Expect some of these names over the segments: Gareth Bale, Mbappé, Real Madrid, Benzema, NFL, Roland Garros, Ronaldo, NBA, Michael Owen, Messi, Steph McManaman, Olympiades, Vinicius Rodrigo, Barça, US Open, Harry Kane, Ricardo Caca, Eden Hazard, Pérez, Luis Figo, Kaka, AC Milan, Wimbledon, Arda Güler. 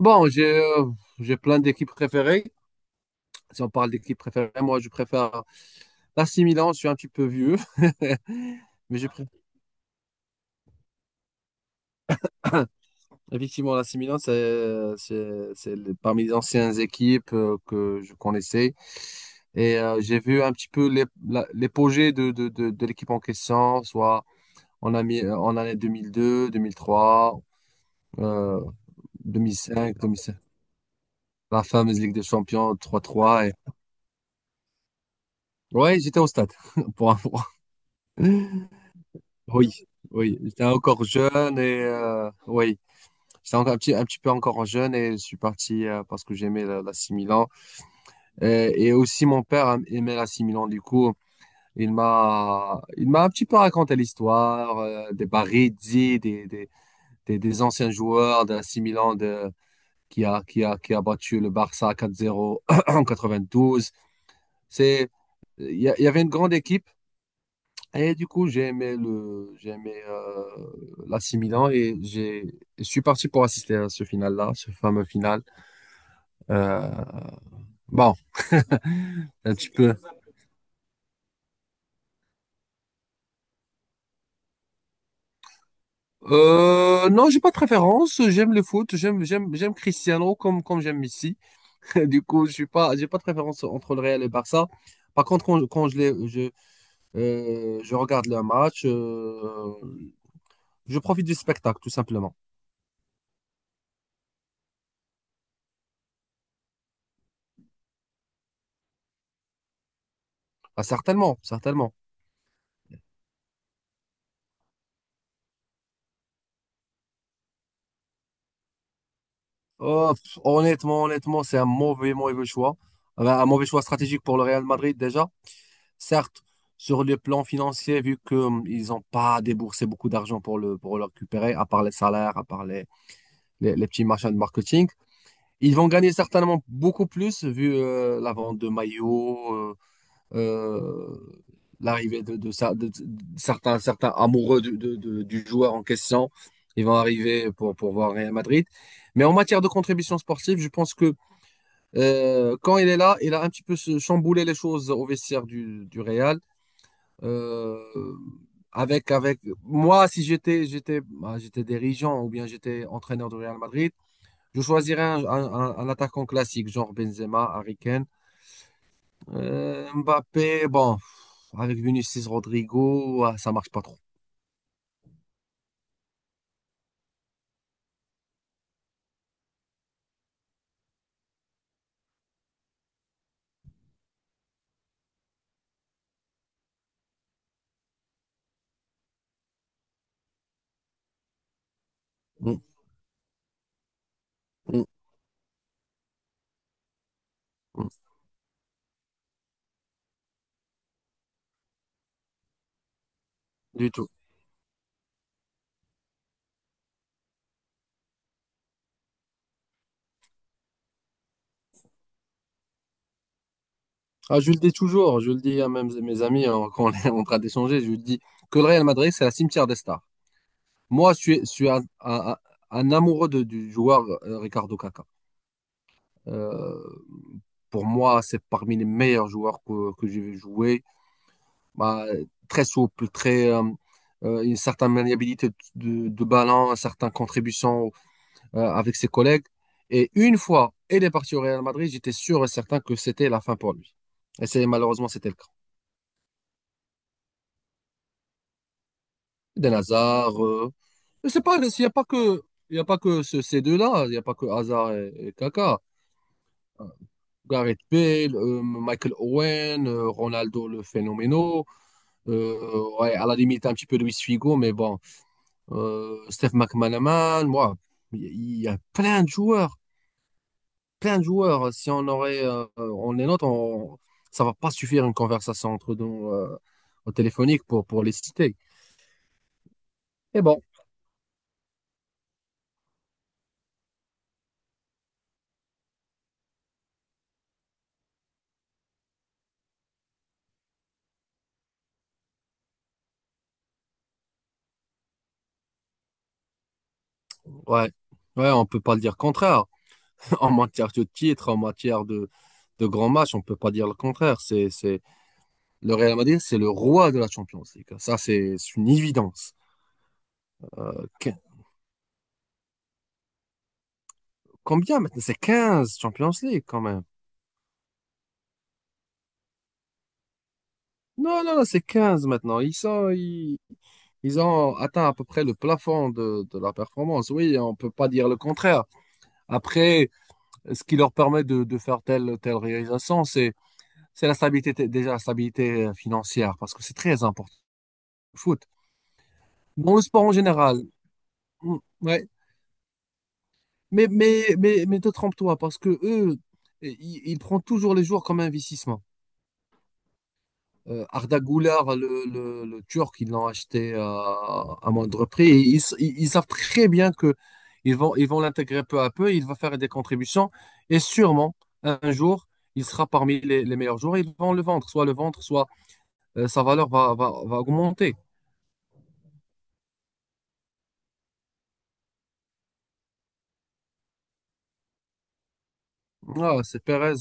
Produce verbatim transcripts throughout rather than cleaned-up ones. Bon, j'ai euh, j'ai plein d'équipes préférées. Si on parle d'équipes préférées, moi je préfère l'A C Milan, je suis un petit peu vieux. Mais je préfère effectivement l'A C Milan, c'est c'est- c'est le- parmi les anciennes équipes euh, que je connaissais. Et euh, j'ai vu un petit peu l'ép- la- l'épogée de, de, de, de l'équipe en question, soit en, ami- euh, en année deux mille deux, deux mille trois, euh, deux mille cinq, deux mille cinq, la fameuse Ligue des Champions trois trois. Et... Ouais, j'étais au stade pour. Oui, oui, j'étais encore jeune et euh, oui, j'étais encore un petit, un petit peu encore jeune et je suis parti euh, parce que j'aimais la, la six Milan. Et, et aussi mon père aimait la six Milan, du coup, il m'a, il m'a un petit peu raconté l'histoire euh, des Baresi, des, des, des, des anciens joueurs de la six Milan de, qui a, qui a, qui a battu le Barça quatre zéro en quatre-vingt-douze. C'est, il y, a- il y avait une grande équipe. Et du coup, j'ai aimé le, j'ai aimé euh, l'A C Milan et j'ai, je suis parti pour assister à ce final-là, ce fameux final. Euh, bon, un petit peu. Euh, non, j'ai pas de préférence. J'aime le foot. J'aime, j'aime, j'aime Cristiano comme comme j'aime Messi. Du coup, je suis pas, j'ai pas de préférence entre le Real et le Barça. Par contre, quand, quand je, les- je, euh, je regarde le match, euh, je profite du spectacle, tout simplement. Ah, certainement, certainement. Oh, pff, honnêtement, honnêtement, c'est un mauvais, mauvais choix. Euh, Un mauvais choix stratégique pour le Real Madrid déjà. Certes, sur le plan financier, vu qu'ils n'ont pas déboursé beaucoup d'argent pour le, pour le récupérer, à part les salaires, à part les, les, les petits machins de marketing, ils vont gagner certainement beaucoup plus vu euh, la vente de maillots, euh, euh, l'arrivée de, de, ça- de- de- de certains, certains amoureux du, de- de- du joueur en question. Ils vont arriver pour, pour voir Real Madrid. Mais en matière de contribution sportive, je pense que euh, quand il est là, il a un petit peu se- chamboulé les choses au vestiaire du, du Real. Euh, avec, avec moi, si j'étais, j'étais, bah, j'étais dirigeant ou bien j'étais entraîneur du Real Madrid, je choisirais un, un- un- un attaquant classique, genre Benzema, Harry Kane, Euh, Mbappé. Bon, avec Vinicius Rodrigo, ah, ça marche pas trop. Mm, mm, mm, du tout. Ah, je le dis toujours, je le dis à même mes amis hein, quand on est en train d'échanger, je le dis que le Real Madrid, c'est la cimetière des stars. Moi, je suis, je suis un, un- un amoureux de- du joueur euh, Ricardo Caca. Pour moi, c'est parmi les meilleurs joueurs que, que j'ai vu jouer. Bah, très souple, très, euh, euh, une certaine maniabilité de, de ballon, une certaine contribution euh, avec ses collègues. Et une fois, il est parti au Real Madrid, j'étais sûr et certain que c'était la fin pour lui. Et c'est malheureusement, c'était le cas. Eden Hazard, euh, C'est pas, il n'y a pas que, il y a pas que ce- ces deux-là, il n'y a pas que Hazard et, et Kaka. Gareth Bale, euh, Michael Owen, euh, Ronaldo le phénoménal, euh, euh, ouais, à la limite un petit peu Luis Figo, mais bon, euh, Steph McManaman, moi, il y il y a plein de joueurs, plein de joueurs. Si on aurait, euh, on les note, on, ça va pas suffire une conversation entre nous euh, au téléphonique pour, pour les citer. Et bon, ouais, ouais, on peut pas le dire contraire. En matière de titre, en matière de, de grands matchs, on ne peut pas dire le contraire. C'est, c'est... Le Real Madrid, c'est le roi de la Champions League. Ça, c'est une évidence. Qu- Combien maintenant? C'est quinze Champions League quand même. Non, non, non, c'est quinze maintenant. Ils, sont, ils, ils ont atteint à peu près le plafond de, de la performance. Oui, on ne peut pas dire le contraire. Après, ce qui leur permet de, de faire telle telle réalisation, c'est, c'est la stabilité, t- déjà la stabilité euh, financière, parce que c'est très important. Foot. Dans le sport en général, mm, ouais. Mais, mais, mais, mais te trompe-toi, parce que eux, i- ils prennent toujours les joueurs comme investissement. Euh, Arda Güler, le, le, le Turc, ils l'ont acheté à, à moindre prix. Et ils, ils- ils savent très bien que ils vont, ils vont l'intégrer peu à peu, il va faire des contributions. Et sûrement, un jour, il sera parmi les, les meilleurs joueurs. Ils vont le vendre, soit le vendre, soit euh, sa valeur va, va, va augmenter. Ah, c'est Perez.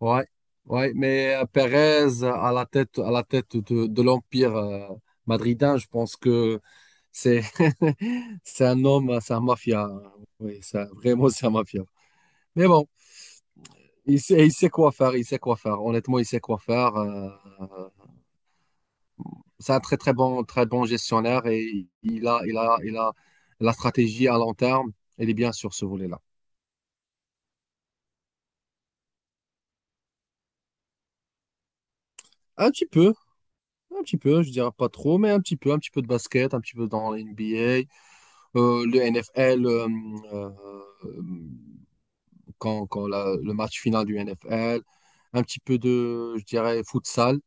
Ouais, ouais, mais euh, Pérez euh, à la tête, à la tête de, de l'Empire euh, madridin, je pense que c'est c'est un homme, c'est un mafia. Oui, ça, vraiment, c'est un mafia. Mais bon, il sait, il sait quoi faire, il sait quoi faire. Honnêtement, il sait quoi faire. euh, euh, c'est un très, très bon, très bon gestionnaire et il a, il a, il a la stratégie à long terme. Elle est bien sur ce volet-là. Un petit peu, un petit peu, je dirais pas trop, mais un petit peu, un petit peu de basket, un petit peu dans la N B A. Euh, le N F L, euh, euh, quand, quand la- le match final du N F L, un petit peu de, je dirais, futsal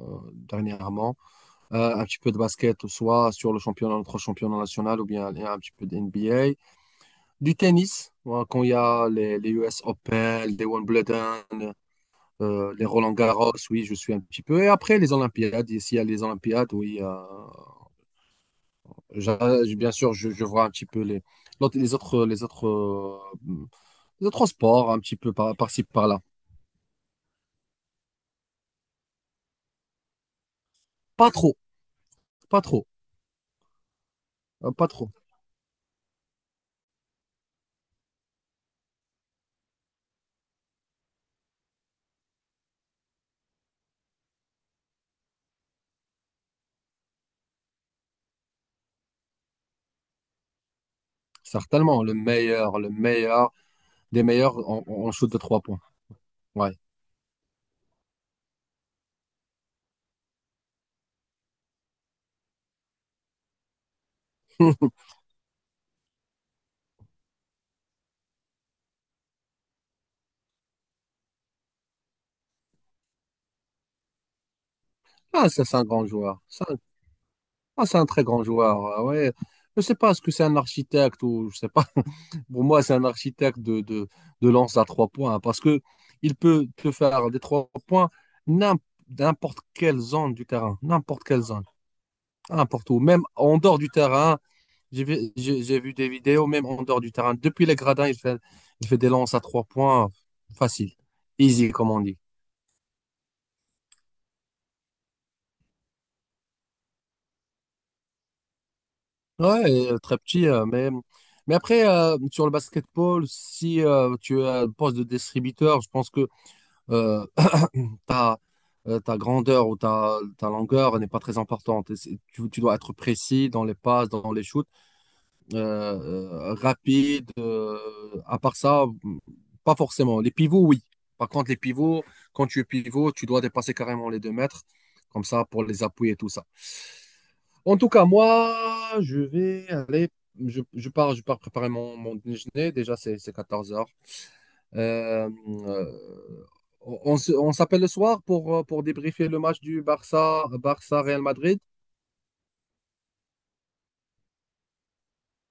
euh, dernièrement, euh, un petit peu de basket, soit sur le championnat, notre championnat national, ou bien un petit peu de N B A, du tennis, voilà, quand il y a les, les U S Open, les Wimbledon, euh, les Roland Garros, oui, je suis un petit peu. Et après, les Olympiades, s'il y a les Olympiades, oui, euh, j'a- bien sûr, je, je vois un petit peu les, l'autre- les autres, les autres euh, de transport, un petit peu par, par-ci, par-là. Pas trop, pas trop, euh, pas trop. Certainement, le meilleur, le meilleur, des meilleurs en, en- en shoot de trois points. Ouais. Ah, ça, c'est un grand joueur. Ça. Ah, c'est un très grand joueur. Ah, ouais. Je sais pas, est-ce que c'est un architecte ou je sais pas. Pour moi, c'est un architecte de, de, de lance à trois points hein, parce que il peut te faire des trois points n'im- n'importe quelle zone du terrain, n'importe quelle zone, n'importe où, même en dehors du terrain. J'ai vu, j'ai j'ai vu des vidéos, même en dehors du terrain. Depuis les gradins, il fait, il fait des lances à trois points facile, easy, comme on dit. Ouais, et, euh, très petit, euh, mais, mais après, euh, sur le basketball, si euh, tu as le poste de distributeur, je pense que euh, ta, euh, ta grandeur ou ta, ta longueur n'est pas très importante. Et c'est- Tu, tu dois être précis dans les passes, dans les shoots, euh, euh, rapide. Euh, à part ça, mm, pas forcément. Les pivots, oui. Par contre, les pivots, quand tu es pivot, tu dois dépasser carrément les deux mètres, comme ça, pour les appuyer et tout ça. En tout cas, moi, je vais aller, je, je pars, je pars préparer mon, mon déjeuner. Déjà, c'est, c'est quatorze heures. Euh, euh, on on se- on s'appelle le soir pour, euh, pour débriefer le match du Barça, Barça Real Madrid.